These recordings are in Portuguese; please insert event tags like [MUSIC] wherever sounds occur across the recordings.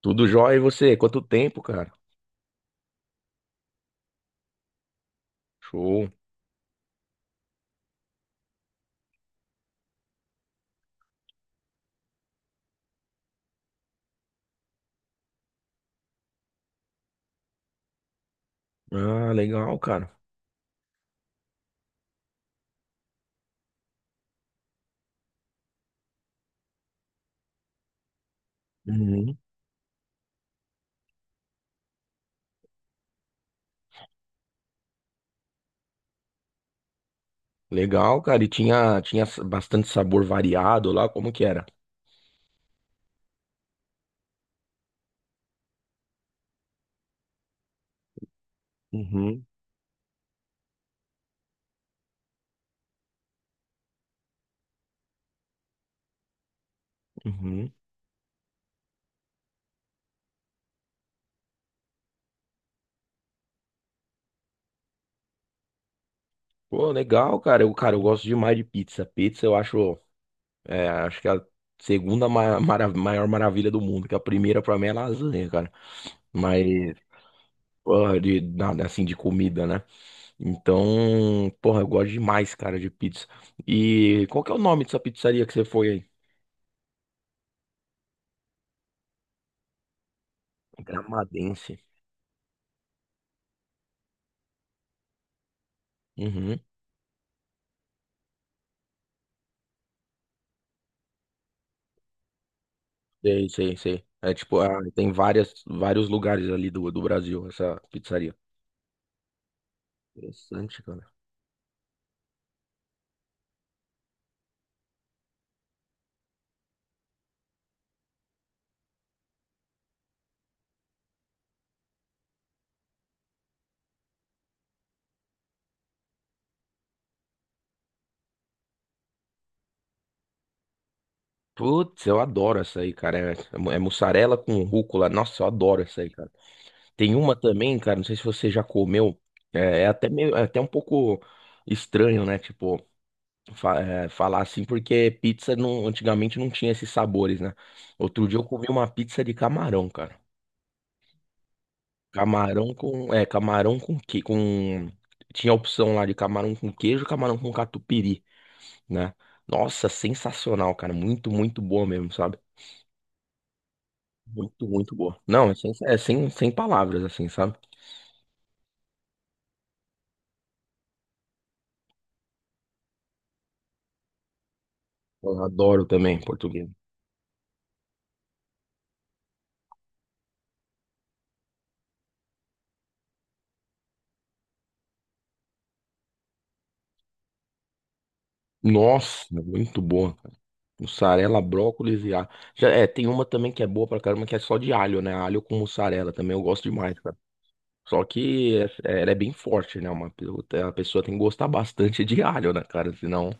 Tudo jóia e você? Quanto tempo, cara? Show. Ah, legal, cara. Uhum. Legal, cara. E bastante sabor variado lá, como que era? Uhum, uhum. Pô, legal, cara. Eu, cara, eu gosto demais de pizza. Pizza eu acho, acho que é a segunda maior maravilha do mundo, que a primeira pra mim é lasanha, cara. Mas, porra, nada assim, de comida, né? Então, porra, eu gosto demais, cara, de pizza. E qual que é o nome dessa pizzaria que você foi aí? Gramadense. Uhum. Sei, sei, sei. É tipo, ah, tem vários lugares ali do Brasil, essa pizzaria. Interessante, cara. Putz, eu adoro essa aí, cara. É mussarela com rúcula. Nossa, eu adoro essa aí, cara. Tem uma também, cara, não sei se você já comeu. É até um pouco estranho, né? Tipo, falar assim, porque pizza não, antigamente não tinha esses sabores, né? Outro dia eu comi uma pizza de camarão, cara. Camarão com. Camarão com que com. Tinha a opção lá de camarão com queijo, camarão com catupiry, né? Nossa, sensacional, cara. Muito, muito boa mesmo, sabe? Muito, muito boa. Não, sem palavras, assim, sabe? Eu adoro também português. Nossa, muito boa, cara. Mussarela, brócolis e alho. Já, é, tem uma também que é boa pra caramba, que é só de alho, né? Alho com mussarela também eu gosto demais, cara. Só que ela é bem forte, né? A pessoa tem que gostar bastante de alho, né, cara? Senão.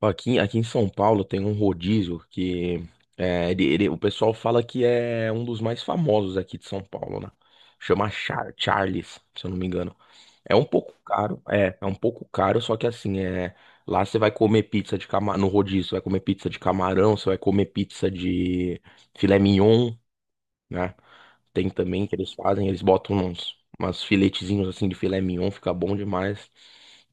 Aqui em São Paulo tem um rodízio que o pessoal fala que é um dos mais famosos aqui de São Paulo, né? Chama Charles, se eu não me engano. É um pouco caro, é um pouco caro, só que assim, lá você vai comer pizza de camarão, no rodízio, você vai comer pizza de camarão, você vai comer pizza de filé mignon, né? Tem também que eles fazem, eles botam umas filetezinhos assim de filé mignon, fica bom demais.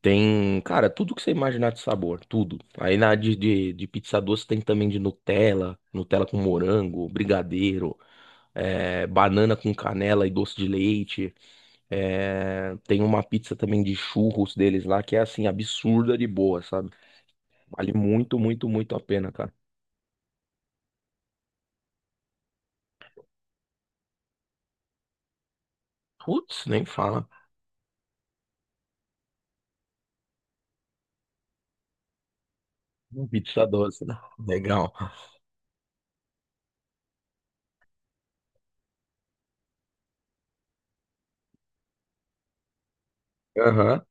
Tem, cara, tudo que você imaginar de sabor, tudo. Aí na de pizza doce tem também de Nutella, Nutella com morango, brigadeiro, banana com canela e doce de leite. É, tem uma pizza também de churros deles lá que é assim, absurda de boa, sabe? Vale muito, muito, muito a pena, cara. Putz, nem fala. Pizza doce, né? Legal. Aham.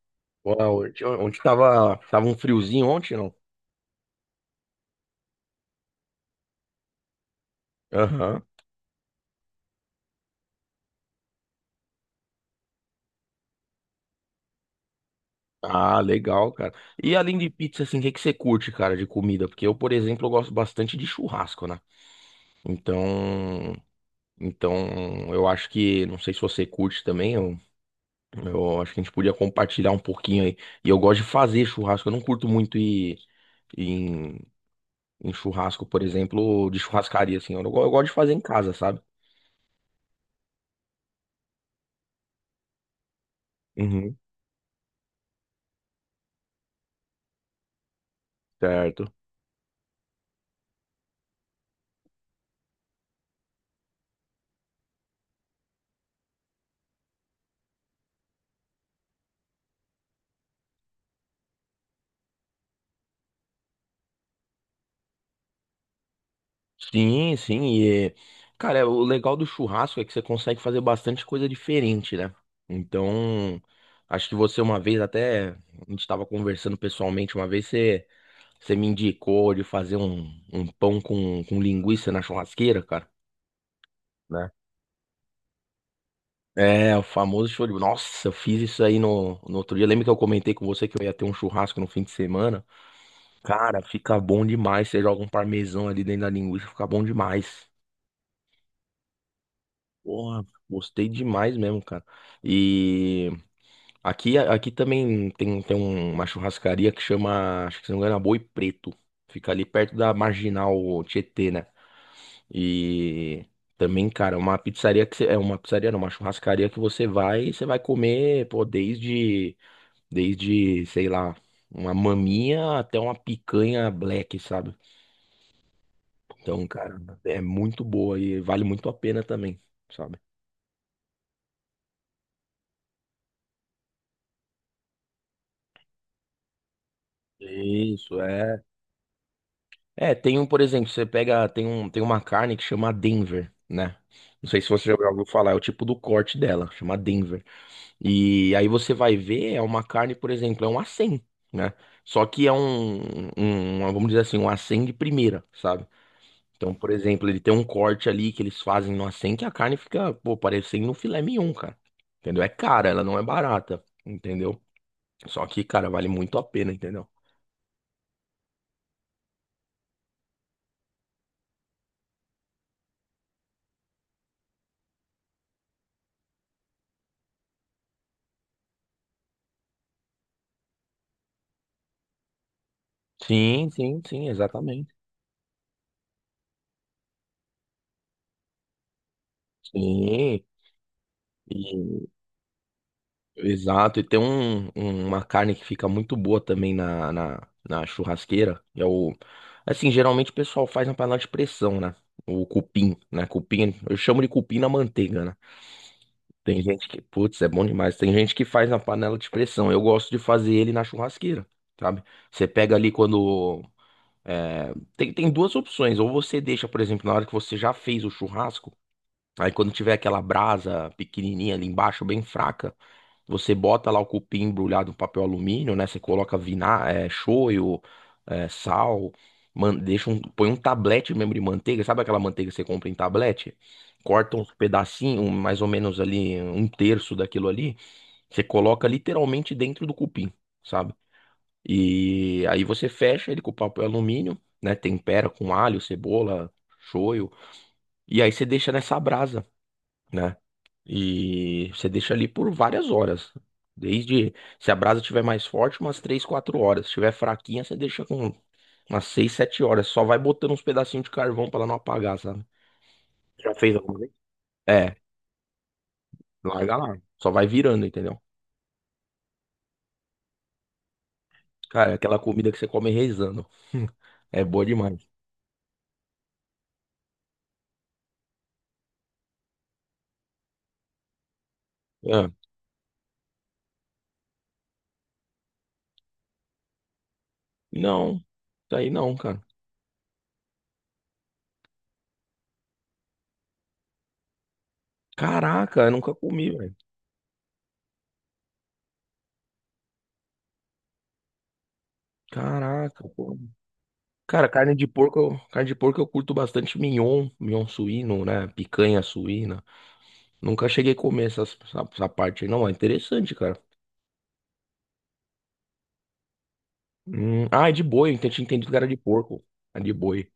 Uau, ontem tava um friozinho ontem, não? Aham. Ah, legal, cara. E além de pizza, assim, o que que você curte, cara, de comida? Porque eu, por exemplo, eu gosto bastante de churrasco, né? Então, então, eu acho que, não sei se você curte também, eu acho que a gente podia compartilhar um pouquinho aí. E eu gosto de fazer churrasco, eu não curto muito ir, ir em, em churrasco, por exemplo, de churrascaria, assim, eu, não go- eu gosto de fazer em casa, sabe? Uhum. Certo. Sim, sim. E, cara, o legal do churrasco é que você consegue fazer bastante coisa diferente, né? Então, acho que você uma vez até, a gente estava conversando pessoalmente uma vez, você me indicou de fazer um pão com linguiça na churrasqueira, cara, né? É, o famoso show de... Nossa, eu fiz isso aí no outro dia. Lembra que eu comentei com você que eu ia ter um churrasco no fim de semana? Cara, fica bom demais. Você joga um parmesão ali dentro da linguiça, fica bom demais. Porra, gostei demais mesmo, cara. E aqui também tem, uma churrascaria que chama, acho que se não me engano, é Boi Preto. Fica ali perto da Marginal Tietê, né? E também, cara, uma pizzaria que você, é uma pizzaria, não, uma churrascaria que você vai e você vai comer, pô, desde, sei lá, uma maminha até uma picanha black, sabe? Então, cara, é muito boa e vale muito a pena também. Sabe? Isso, é. É, por exemplo, você pega, tem uma carne que chama Denver, né? Não sei se você já ouviu falar, é o tipo do corte dela, chama Denver. E aí você vai ver, é uma carne, por exemplo, é um acém, né? Só que é um, vamos dizer assim, um acém de primeira, sabe? Então, por exemplo, ele tem um corte ali que eles fazem no acém que a carne fica, pô, parecendo um filé mignon, cara. Entendeu? É cara, ela não é barata, entendeu? Só que, cara, vale muito a pena, entendeu? Sim, sim, sim, exatamente. Sim. E, exato, e tem uma carne que fica muito boa também na churrasqueira. É o, assim, geralmente o pessoal faz na panela de pressão, né? O cupim, né? Cupim, eu chamo de cupim na manteiga, né? Tem gente que, putz, é bom demais. Tem gente que faz na panela de pressão. Eu gosto de fazer ele na churrasqueira, sabe? Você pega ali quando. Tem duas opções. Ou você deixa, por exemplo, na hora que você já fez o churrasco. Aí quando tiver aquela brasa pequenininha ali embaixo, bem fraca, você bota lá o cupim embrulhado em papel alumínio, né? Você coloca shoyu, sal, põe um tablete mesmo de manteiga, sabe aquela manteiga que você compra em tablete? Corta uns pedacinhos, mais ou menos ali, um terço daquilo ali, você coloca literalmente dentro do cupim, sabe? E aí você fecha ele com papel alumínio, né? Tempera com alho, cebola, shoyu, e aí você deixa nessa brasa né? E você deixa ali por várias horas. Desde, se a brasa estiver mais forte, umas 3, 4 horas. Se estiver fraquinha, você deixa com umas 6, 7 horas. Só vai botando uns pedacinhos de carvão para ela não apagar, sabe? Já fez alguma vez? É, larga lá. Só vai virando, entendeu? Cara, é aquela comida que você come rezando. [LAUGHS] É boa demais. Ah, não, isso aí não, cara. Caraca, eu nunca comi, velho. Caraca, pô. Cara, carne de porco, carne de porco eu curto bastante mignon, mignon suíno, né? Picanha suína. Nunca cheguei a comer essa parte aí. Não, é interessante, cara. Hum, ah, é de boi. Eu tinha entendido que era de porco. É de boi.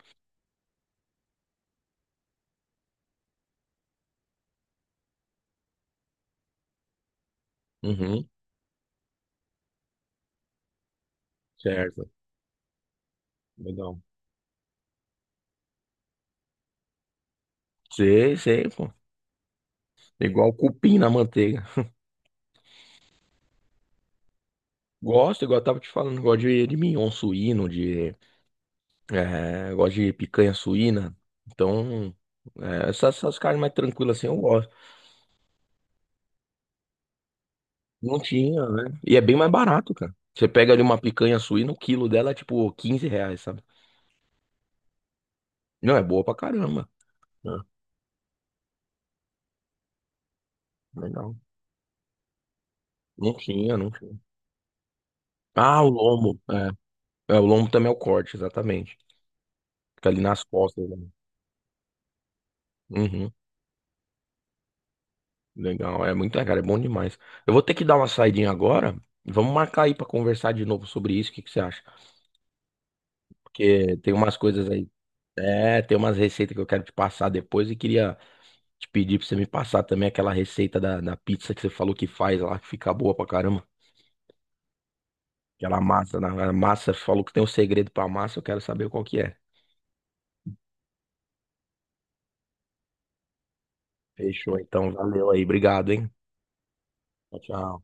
Uhum, certo. Legal. Sei, sei, pô. Igual cupim na manteiga. Gosto, igual eu tava te falando, gosto de mignon suíno, gosto de picanha suína. Então, essas carnes mais tranquilas assim eu gosto. Não tinha, né? E é bem mais barato, cara. Você pega ali uma picanha suína, o quilo dela é tipo R$ 15, sabe? Não, é boa pra caramba. É, legal. Não tinha, não tinha. Ah, o lombo. É, o lombo também é o corte, exatamente. Fica ali nas costas. Né? Uhum, legal. É muito legal, é bom demais. Eu vou ter que dar uma saidinha agora. Vamos marcar aí pra conversar de novo sobre isso. O que que você acha? Porque tem umas coisas aí. É, tem umas receitas que eu quero te passar depois e queria te pedir pra você me passar também aquela receita da pizza que você falou que faz lá, que fica boa pra caramba. Aquela massa, né? A massa falou que tem um segredo pra massa, eu quero saber qual que é. Fechou, então. Valeu aí. Obrigado, hein? Tchau, tchau.